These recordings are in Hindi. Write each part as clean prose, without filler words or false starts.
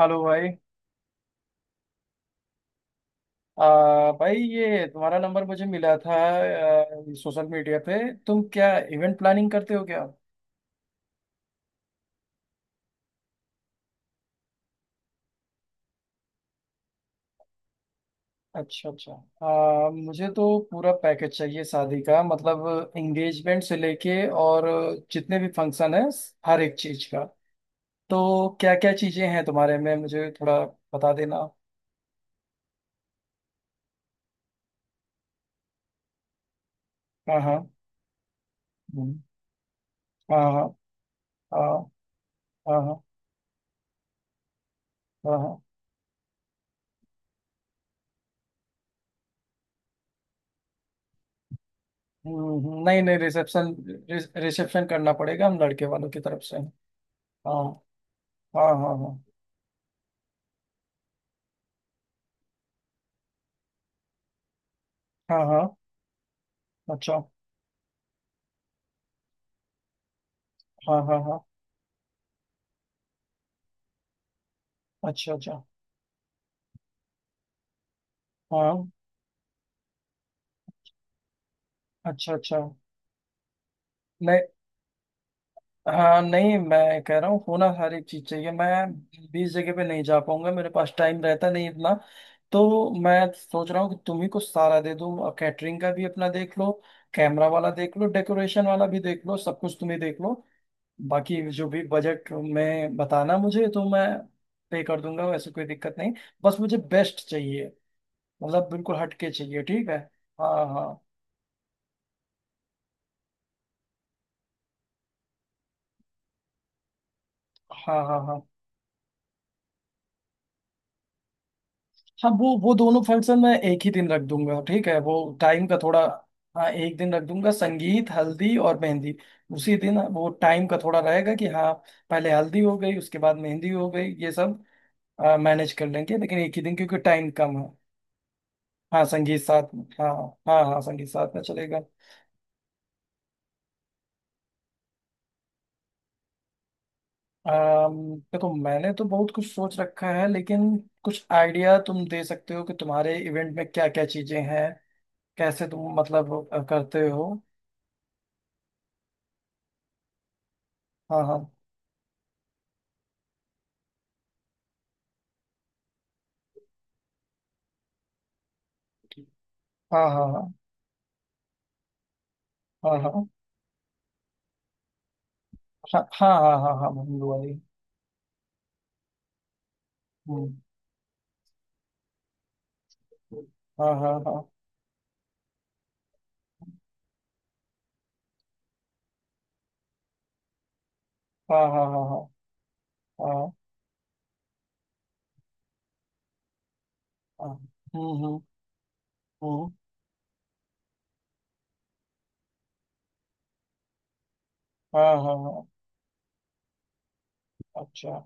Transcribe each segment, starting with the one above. हेलो भाई। भाई, ये तुम्हारा नंबर मुझे मिला था सोशल मीडिया पे। तुम क्या इवेंट प्लानिंग करते हो क्या? अच्छा अच्छा। मुझे तो पूरा पैकेज चाहिए शादी का, मतलब एंगेजमेंट से लेके और जितने भी फंक्शन है हर एक चीज का। तो क्या क्या चीजें हैं तुम्हारे में, मुझे थोड़ा बता देना। हाँ हाँ। हम्म। हाँ हाँ। हाँ हाँ। हाँ हाँ। हाँ। नहीं नहीं, रिसेप्शन रिसेप्शन करना पड़ेगा, हम लड़के वालों की तरफ से। हाँ हाँ हाँ हाँ। हाँ हाँ। अच्छा। हाँ हाँ हाँ। अच्छा अच्छा। हाँ। अच्छा अच्छा। नहीं। हाँ नहीं, मैं कह रहा हूँ होना हर एक चीज चाहिए। मैं 20 जगह पे नहीं जा पाऊंगा, मेरे पास टाइम रहता नहीं इतना। तो मैं सोच रहा हूँ कि तुम्ही को सारा दे दूँ। कैटरिंग का भी अपना देख लो, कैमरा वाला देख लो, डेकोरेशन वाला भी देख लो, सब कुछ तुम्ही देख लो। बाकी जो भी बजट में बताना मुझे तो मैं पे कर दूंगा, वैसे कोई दिक्कत नहीं। बस मुझे बेस्ट चाहिए, मतलब बिल्कुल हटके चाहिए, ठीक है। हाँ हाँ हाँ हाँ। हाँ हाँ, वो दोनों फंक्शन मैं एक ही दिन रख दूंगा, ठीक है वो टाइम का थोड़ा। हाँ, एक दिन रख दूंगा, संगीत हल्दी और मेहंदी। उसी दिन वो टाइम का थोड़ा रहेगा कि हाँ पहले हल्दी हो गई, उसके बाद मेहंदी हो गई, ये सब मैनेज कर लेंगे, लेकिन एक ही दिन क्योंकि टाइम कम है। हाँ संगीत साथ में, हाँ। हाँ हाँ, संगीत साथ में चलेगा। देखो, मैंने तो बहुत कुछ सोच रखा है, लेकिन कुछ आइडिया तुम दे सकते हो कि तुम्हारे इवेंट में क्या क्या चीजें हैं, कैसे तुम मतलब करते हो। हाँ हाँ हाँ हाँ। हाँ हाँ। हाँ हाँ। हाँ हाँ, हाँ हाँ, भूल वाली। हम्म। हाँ हाँ। हाँ हाँ। हाँ हाँ। हाँ हाँ। हाँ हम्म, हम्म, हम्म, हाँ हाँ हाँ। अच्छा।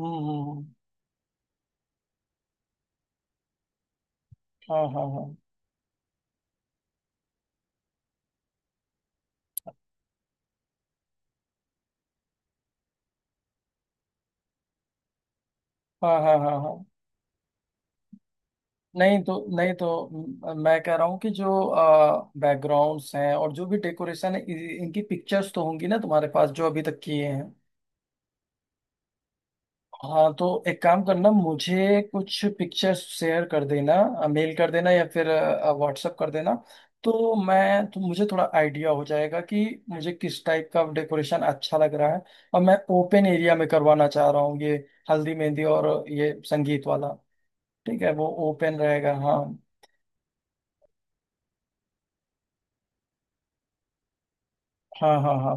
हम्म, हम्म, हाँ हाँ हाँ। हाँ हाँ। हाँ हाँ। नहीं तो, मैं कह रहा हूँ कि जो बैकग्राउंड्स हैं और जो भी डेकोरेशन है, इनकी पिक्चर्स तो होंगी ना तुम्हारे पास जो अभी तक किए हैं। हाँ तो एक काम करना, मुझे कुछ पिक्चर्स शेयर कर देना, मेल कर देना या फिर व्हाट्सअप कर देना। तो मैं तो मुझे थोड़ा आइडिया हो जाएगा कि मुझे किस टाइप का डेकोरेशन अच्छा लग रहा है। और मैं ओपन एरिया में करवाना चाह रहा हूँ ये हल्दी मेहंदी और ये संगीत वाला। ठीक है, वो ओपन रहेगा, हाँ। हाँ हाँ हाँ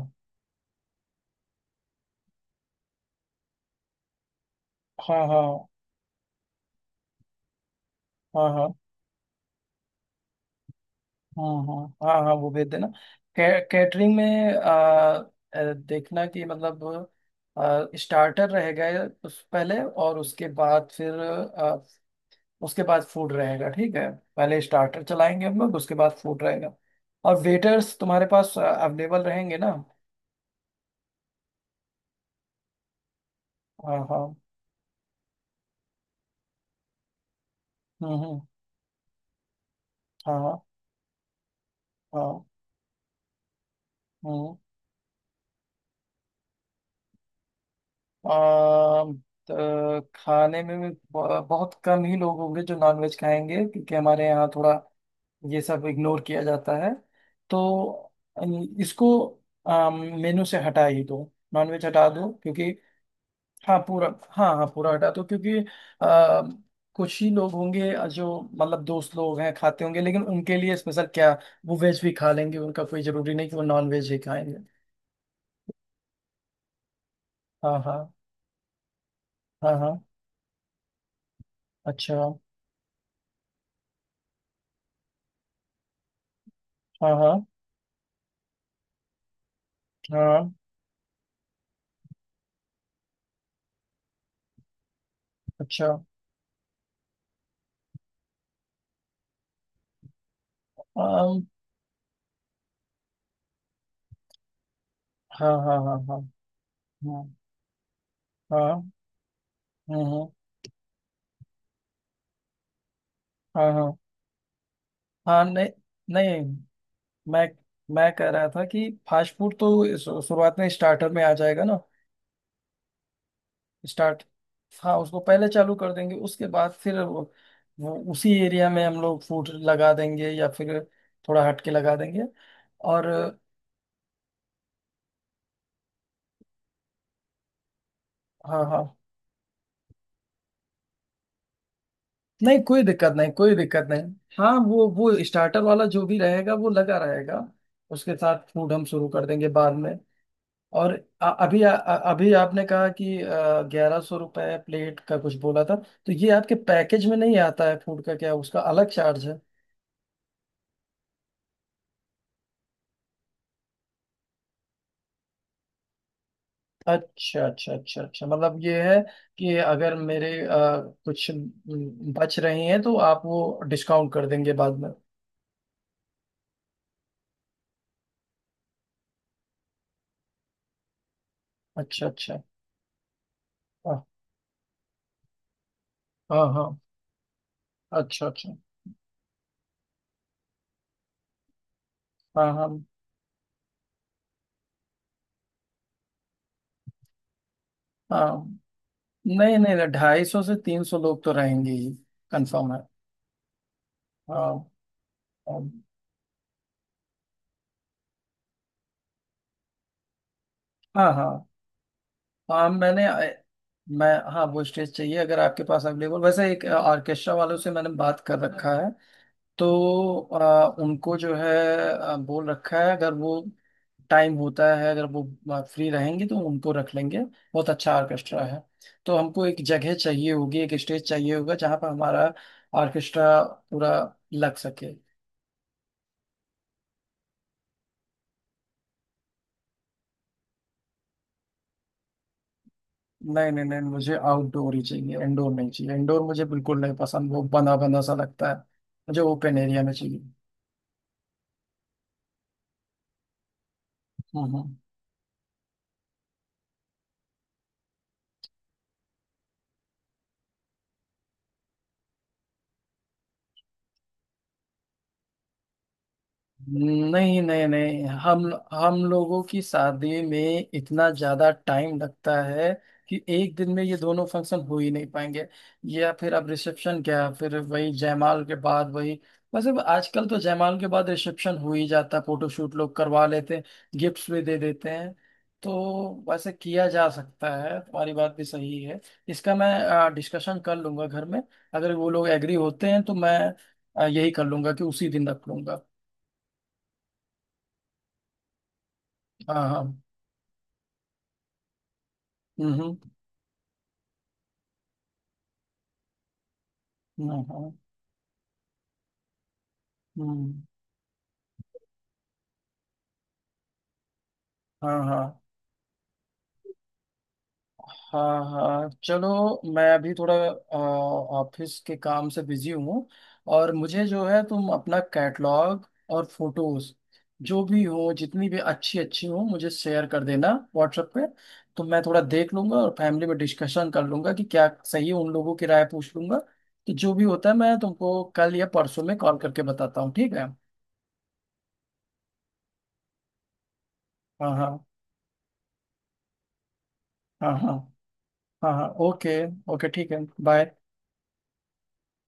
हाँ। हाँ हाँ। हाँ हाँ। हाँ हाँ। हाँ, वो भेज देना। कैटरिंग में देखना कि मतलब स्टार्टर रहेगा, या उस पहले, और उसके बाद फिर उसके बाद फूड रहेगा, ठीक है। पहले स्टार्टर चलाएंगे हम लोग, उसके बाद फूड रहेगा। और वेटर्स तुम्हारे पास अवेलेबल रहेंगे ना? हाँ हाँ। हम्म, हम्म, हाँ हाँ हाँ। हम्म आ, तो खाने में भी बहुत कम ही लोग होंगे जो नॉनवेज खाएंगे, क्योंकि हमारे यहाँ थोड़ा ये सब इग्नोर किया जाता है। तो इसको मेनू से हटा ही दो, नॉनवेज हटा दो क्योंकि हाँ पूरा, हाँ हाँ पूरा हटा दो क्योंकि आ, कुछ ही लोग होंगे जो, मतलब दोस्त लोग हैं, खाते होंगे, लेकिन उनके लिए स्पेशल क्या। वो वेज भी खा लेंगे, उनका कोई जरूरी नहीं कि वो नॉन वेज ही खाएंगे। हाँ हाँ हाँ हाँ। अच्छा। हाँ हाँ हाँ। अच्छा। अम, हाँ हाँ। हाँ हाँ। हाँ हाँ। हम्म, हम्म, हाँ हाँ हाँ। नहीं नहीं, मैं मैं कह रहा था कि फास्ट फूड तो शुरुआत में स्टार्टर में आ जाएगा ना। स्टार्ट हाँ, उसको पहले चालू कर देंगे, उसके बाद फिर वो उसी एरिया में हम लोग फूड लगा देंगे या फिर थोड़ा हटके लगा देंगे। और हाँ हाँ, नहीं कोई दिक्कत नहीं, कोई दिक्कत नहीं। हाँ, वो स्टार्टर वाला जो भी रहेगा वो लगा रहेगा। उसके साथ फूड हम शुरू कर देंगे बाद में। और अभी आपने कहा कि 1100 रुपए प्लेट का कुछ बोला था, तो ये आपके पैकेज में नहीं आता है फूड का, क्या उसका अलग चार्ज है? अच्छा अच्छा अच्छा अच्छा, मतलब ये है कि अगर मेरे कुछ बच रहे हैं तो आप वो डिस्काउंट कर देंगे बाद में। अच्छा अच्छा। हाँ हाँ हाँ, अच्छा अच्छा। हाँ हाँ हाँ, नहीं नहीं नहीं, 250 से 300 लोग तो रहेंगे ही, कंफर्म है। हाँ हाँ हाँ हाँ। हाँ मैंने मैं हाँ, वो स्टेज चाहिए अगर आपके पास अवेलेबल। वैसे एक ऑर्केस्ट्रा वालों से मैंने बात कर रखा है, तो उनको जो है बोल रखा है, अगर वो टाइम होता है, अगर वो फ्री रहेंगे तो उनको रख लेंगे। बहुत अच्छा ऑर्केस्ट्रा है। तो हमको एक जगह चाहिए होगी, एक स्टेज चाहिए होगा जहाँ पर हमारा ऑर्केस्ट्रा पूरा लग सके। नहीं नहीं नहीं, मुझे आउटडोर ही चाहिए, इंडोर नहीं चाहिए। इंडोर मुझे बिल्कुल नहीं पसंद, वो बंधा बंधा सा लगता है। मुझे ओपन एरिया में चाहिए। हाँ हाँ। नहीं नहीं नहीं, हम लोगों की शादी में इतना ज्यादा टाइम लगता है कि एक दिन में ये दोनों फंक्शन हो ही नहीं पाएंगे। या फिर अब रिसेप्शन क्या फिर वही जयमाल के बाद वही। वैसे आजकल तो जयमाल के बाद रिसेप्शन हो ही जाता है, फोटोशूट लोग करवा लेते हैं, गिफ्ट्स भी दे देते हैं। तो वैसे किया जा सकता है, तुम्हारी बात भी सही है। इसका मैं डिस्कशन कर लूंगा घर में। अगर वो लोग एग्री होते हैं तो मैं यही कर लूंगा कि उसी दिन रख लूंगा। हाँ हाँ। हम्म, हम्म, हाँ हाँ, हम्म, हाँ हाँ हाँ हाँ। चलो, मैं अभी थोड़ा ऑफिस के काम से बिजी हूँ। और मुझे जो है तुम अपना कैटलॉग और फोटोज जो भी हो जितनी भी अच्छी अच्छी हो मुझे शेयर कर देना व्हाट्सएप पे। तो मैं थोड़ा देख लूंगा और फैमिली में डिस्कशन कर लूंगा कि क्या सही है, उन लोगों की राय पूछ लूंगा। तो जो भी होता है मैं तुमको कल या परसों में कॉल करके बताता हूँ, ठीक है। हाँ हाँ। हाँ हाँ। हाँ हाँ। ओके। ओके ठीक है, बाय।